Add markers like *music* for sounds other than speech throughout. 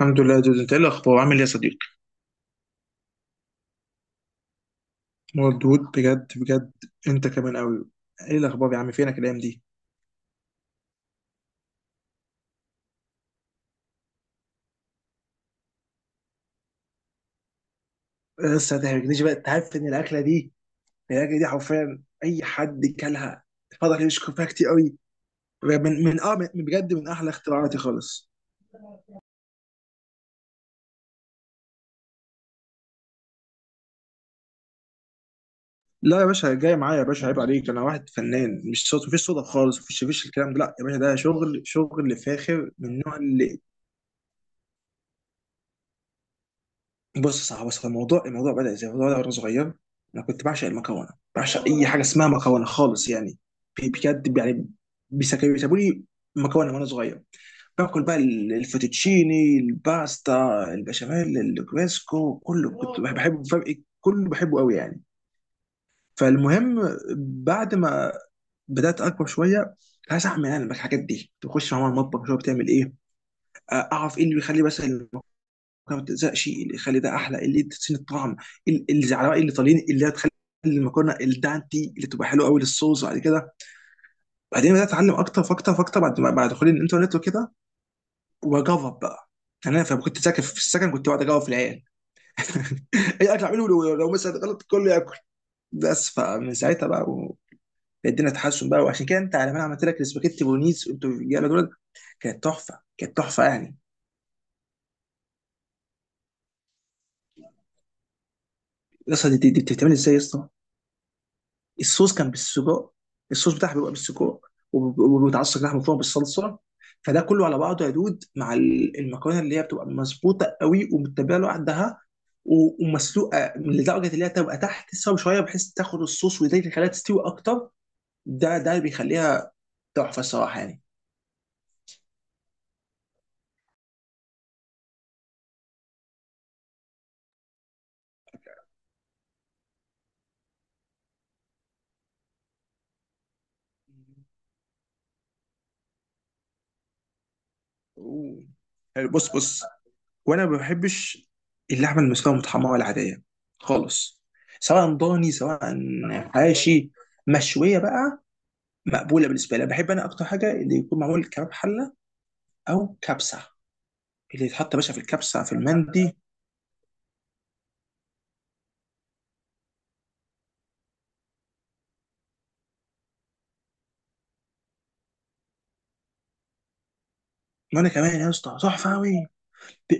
الحمد لله يا دود، انت ايه الاخبار؟ عامل ايه يا صديقي؟ مردود بجد بجد. انت كمان قوي. ايه الاخبار يا عم؟ فينك الايام دي؟ بس ما تهرجنيش بقى، انت عارف ان الاكله دي حرفيا اي حد كلها فضل يشكر فيها كتير قوي. من بجد من احلى اختراعاتي خالص. لا يا باشا، جاي معايا يا باشا، عيب عليك. انا واحد فنان مش صوت، مفيش صدف خالص، مفيش الكلام ده. لا يا باشا، ده شغل فاخر من النوع. بص صح، بص، الموضوع بدأ ازاي؟ الموضوع ده وانا صغير، انا كنت بعشق المكرونه، بعشق اي حاجه اسمها مكرونه خالص يعني. بجد يعني. بيسابوا لي مكرونه وانا صغير. باكل بقى الفوتوتشيني، الباستا، البشاميل، الكريسكو، كله كنت بحبه فرق، كله بحبه قوي يعني. فالمهم، بعد ما بدات اكبر شويه، عايز اعمل انا الحاجات دي. تخش مع ماما المطبخ شويه، بتعمل ايه؟ اعرف ايه اللي بيخلي مثلا ما بتلزقش، اللي يخلي ده احلى، اللي تسين الطعم. الزعلوائي الايطاليين اللي هتخلي المكرونه الدانتي، اللي تبقى حلوه قوي للصوص بعد كده. بعدين بدات اتعلم اكتر فاكتر فاكتر بعد دخولي الانترنت وكده، واجرب بقى. يعني انا فلما كنت ساكن في السكن، كنت بقعد اجرب في العيال. *laughs* اي اكل اعمله، لو مثلا غلط، الكل ياكل. بس فمن ساعتها بقى و... الدنيا تحسن بقى. وعشان كده انت، على ما انا عملت لك السباكيتي بولونيز، انتوا الرجاله دول، كانت تحفه تحفه يعني. يا اسطى، دي بتتعمل ازاي يا اسطى؟ الصوص كان بالسجق، الصوص بتاعها بيبقى بالسجق، وبيتعصق لحمه فوق بالصلصه. فده كله على بعضه يا دود مع المكرونه، اللي هي بتبقى مظبوطه قوي ومتبله لوحدها، ومسلوقه لدرجه اللي هي تبقى تحت السوا شويه، بحيث تاخد الصوص، وده اللي يخليها تستوي اكتر. ده اللي بيخليها تحفه الصراحه يعني. أوه. حلو، بص، وانا ما بحبش اللحمه المسلوقه المتحمره العاديه خالص، سواء ضاني سواء حاشي. مشويه بقى مقبوله بالنسبه لي. أنا بحب، انا اكتر حاجه اللي يكون معمول كباب حله او كبسه، اللي يتحط يا باشا في الكبسه في المندي. وانا كمان يا اسطى تحفه قوي.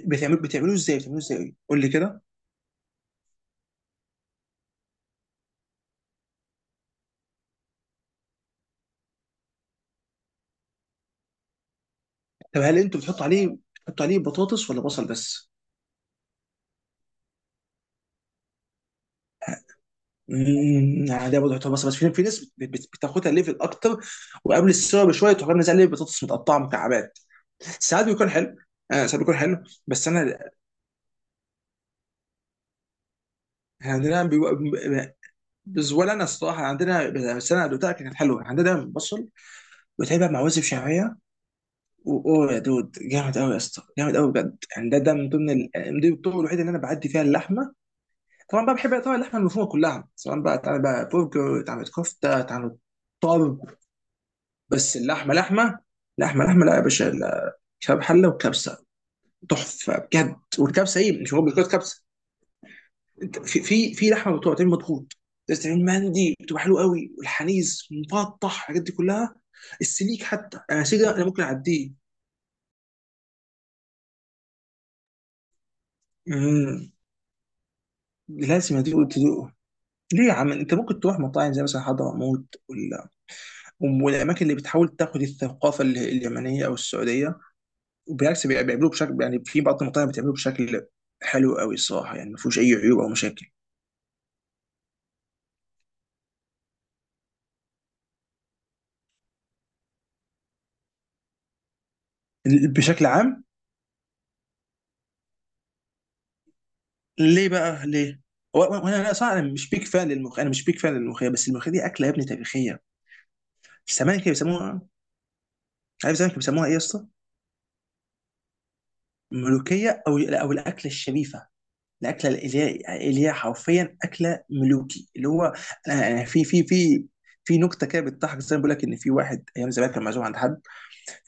بتعمل، بتعملوه ازاي قول لي كده؟ طب هل انتوا بتحطوا عليه، بتحطوا عليه بطاطس ولا بصل بس؟ امم، يعني ده برضه بتحطوا بصل بس، في ناس بتاخدها ليفل اكتر، وقبل السوا بشويه تروح منزل عليه بطاطس متقطعه مكعبات، ساعات بيكون حلو. آه ساعات بيكون حلو، بس انا إحنا عندنا بيو... ولا انا الصراحه عندنا، بس انا دوتها كانت حلوه عندنا دايما بصل وتابع مع وزب شعبيه. واوه يا دود، جامد قوي يا اسطى، جامد قوي بجد يعني. ده من ضمن دي الطرق الوحيده اللي انا بعدي فيها اللحمه. طبعا بقى بحب طبعا اللحمه المفرومه كلها، سواء بقى تعمل بقى برجر، تعمل كفته، تعمل طرب. بس اللحمه لحمه، لحمه لا يا باشا لا. كباب حله وكبسه تحفه بجد. والكبسه ايه؟ مش هو بالكبسه كبسه. انت في لحمه بتبقى بتعمل مضغوط، بتعمل مندي، بتبقى حلوه قوي، والحنيذ، مفتح، الحاجات دي كلها. السليك حتى انا سيجا، انا ممكن اعديه. لازم تدوق. ليه يا عم؟ انت ممكن تروح مطاعم زي مثلا حضرموت، ولا والاماكن اللي بتحاول تاخد الثقافه اليمنيه او السعوديه، وبالعكس بيعملوه بشكل يعني. في بعض المطاعم بتعمله بشكل حلو قوي الصراحه يعني، ما فيهوش اي عيوب او مشاكل. بشكل عام. ليه بقى؟ ليه؟ و- و- وانا، صراحه انا مش بيك فان للملوخيه، انا مش بيك فان للملوخيه، بس الملوخيه دي اكله يا ابني تاريخيه. زمان كانوا بيسموها، عارف زمان كانوا بيسموها ايه يا اسطى؟ ملوكيه، او الاكله الشريفه، الاكله اللي هي اللي هي حرفيا اكله ملوكي اللي هو. أنا في نكته كده بتضحك، زي ما بقول لك، ان في واحد ايام زمان كان معزوم عند حد،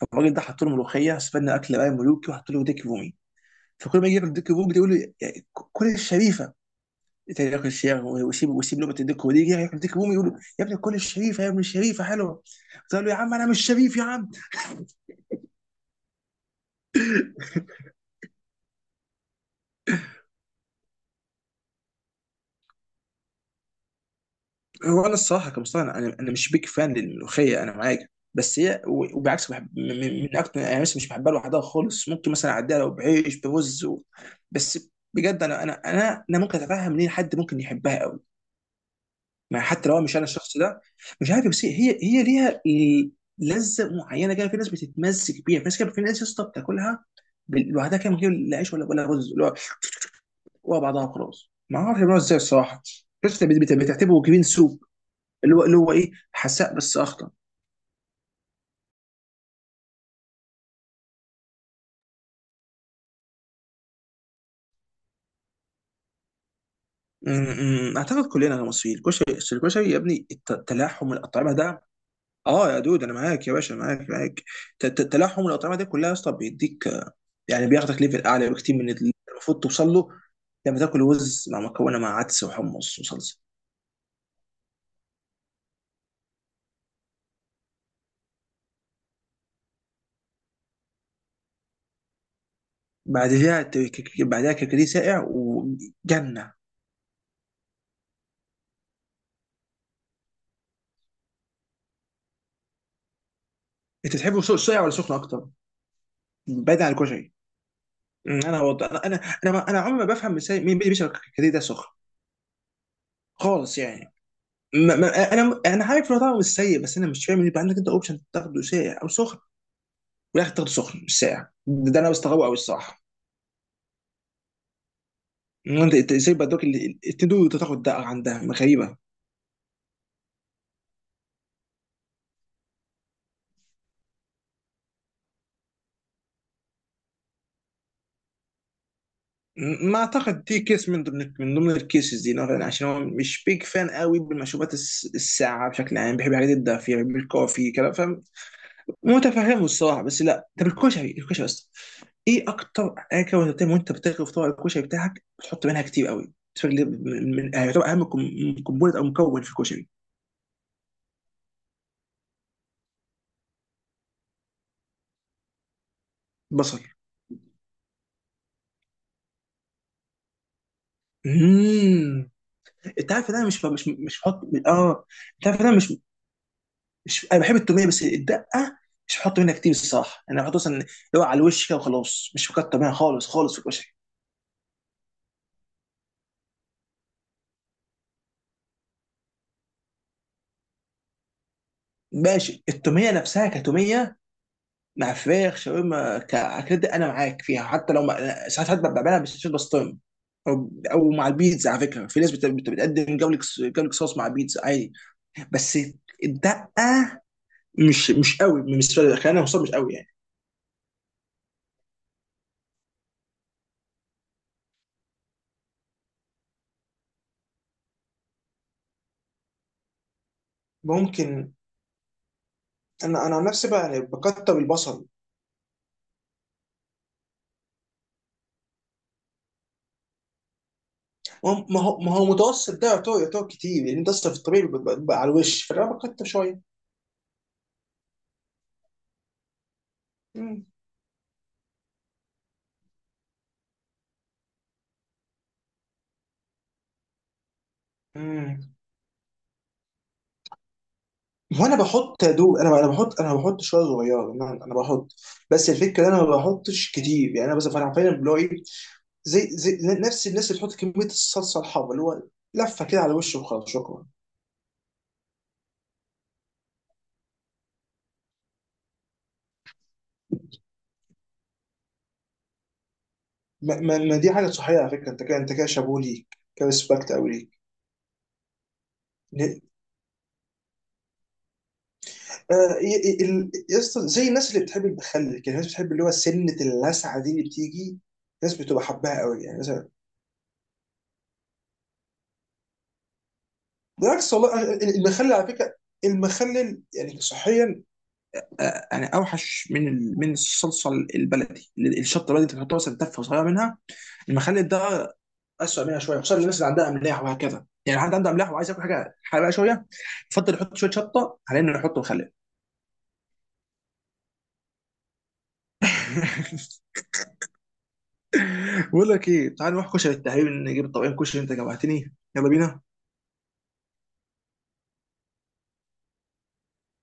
فالراجل ده حط له ملوخيه، استنى اكل بقى ملوكي، وحط له ديك رومي. فكل ما يجي ياكل ديك رومي ده يقول له يا- كل الشريفه. تاني ياكل شيخ ويسيب لقمه الديك، ودي يجي ياكل ديك رومي يقول له يا ابني كل الشريفه، يا ابني الشريفه حلوه. قلت له يا عم انا مش شريف يا عم. هو انا الصراحه كمصطفى، انا مش بيك فان للملوخيه، انا معاك. بس هي وبالعكس بحب من اكتر يعني. مثلا مش بحبها لوحدها خالص، ممكن مثلا اعديها لو بعيش برز و... بس بجد انا ممكن اتفهم ليه حد ممكن يحبها قوي، ما حتى لو مش انا الشخص ده. مش عارف، بس هي ليها لذه معينه كده. في ناس بتتمسك بيها، في ناس كده، في ناس يا اسطى بتاكلها لوحدها كده، من غير لا عيش ولا رز، اللي هو هو بعضها خلاص. ما اعرفش بيعملوها ازاي الصراحه، بس بتعتبره جرين سوب، اللي هو اللي هو ايه، حساء بس اخضر. اعتقد كلنا كمصريين الكشري، أصل الكشري يا ابني تلاحم الاطعمه ده. اه يا دود انا معاك يا باشا، معاك معاك. تلاحم الاطعمه ده كلها يا اسطى بيديك آه، يعني بياخدك ليفل اعلى بكتير من اللي المفروض توصل له، لما تاكل رز مع مكونه مع عدس وحمص وصلصه. بعد كده بعدها كركديه ساقع وجنه. انت تحب السوق ساقع ولا سخن اكتر؟ بعيد عن الكشري. م، انا وض... انا انا انا, ما- أنا عمري ما بفهم ازاي مين بيشرب الكركديه ده سخن خالص يعني. ما انا عارف انه طعمه مش سيء، بس انا مش فاهم ان يبقى عندك انت اوبشن تاخده ساقع او سخن، ولا تاخده سخن مش ساقع. ده انا بستغربه قوي الصراحه. إن انت، إنت ازاي بدوك التندور تاخد ده؟ عندها غريبه. ما اعتقد دي كيس من ضمن من ضمن الكيسز دي نوعاً ما، عشان هو مش بيج فان قوي بالمشروبات الساقعه بشكل عام، بيحب الحاجات الدافيه، بيحب الكوفي كده. متفهمه الصراحه. بس لا، طب الكشري، الكشري بس، ايه اكتر حاجه وانت بتعمل وانت بتغرف في طبق الكشري بتاعك بتحط منها كتير قوي؟ بالنسبة لي، من آه، يعتبر اهم كومبوننت او مكون في الكشري، بصل. امم، انت عارف إن انا مش بحط، اه. انت عارف إن انا مش مش انا بحب التوميه، بس الدقه مش بحط منها كتير الصراحه. انا بحط مثلا اللي هو على الوش كده وخلاص، مش بكتر منها خالص خالص في الكشري. ماشي، التوميه نفسها كتوميه مع فراخ شاورما كأكلات دي أنا معاك فيها، حتى لو ما... أنا ساعات حتى بعملها بالصوص بسطرمة، أو مع البيتزا. على فكرة في ناس بت... بتقدم جولك صوص مع بيتزا عادي. بس الدقة مش، مش قوي بالنسبة لي، خلينا نوصل، مش قوي يعني. ممكن انا، انا عن نفسي بقى يعني بكتر البصل. ما هو، ما هو متوسط ده يعتبر، كتير، لأن أنت أصلا في الطبيعي بيبقى على الوش، فأنا بكتر شوية. مم. امم، وانا بحط يا دوب، انا بحط، انا بحط شويه صغيره، انا بحط. بس الفكره انا ما بحطش كتير يعني، انا بس انا فعلا بلاقي زي نفس الناس اللي بتحط كميه الصلصه الحمراء، اللي هو لفه كده على وشه وخلاص، شكرا. ما دي حاجه صحيه على فكره، انت كده، انت كده شابوه ليك، كريسبكت قوي ليك. ل- يا اسطى، زي الناس اللي بتحب المخلل كده، الناس بتحب اللي هو سنه اللسعه دي اللي بتيجي، الناس بتبقى حباها قوي يعني مثلا. بالعكس والله، المخلل على فكره، المخلل يعني صحيا آه، يعني اوحش من من الصلصه البلدي. الشطه البلدي انت بتحطها مثلا تفه صغيره منها، المخلل ده اسوء منها شويه، خصوصا الناس اللي عندها املاح وهكذا. يعني حد عنده املاح وعايز ياكل حاجه حراقه شويه، يفضل يحط شويه شطه على انه يحط مخلل. *laughs* بقول لك ايه، تعال نروح كشري التهريب، نجيب الطبقين كشري، انت جوعتني، يلا بينا.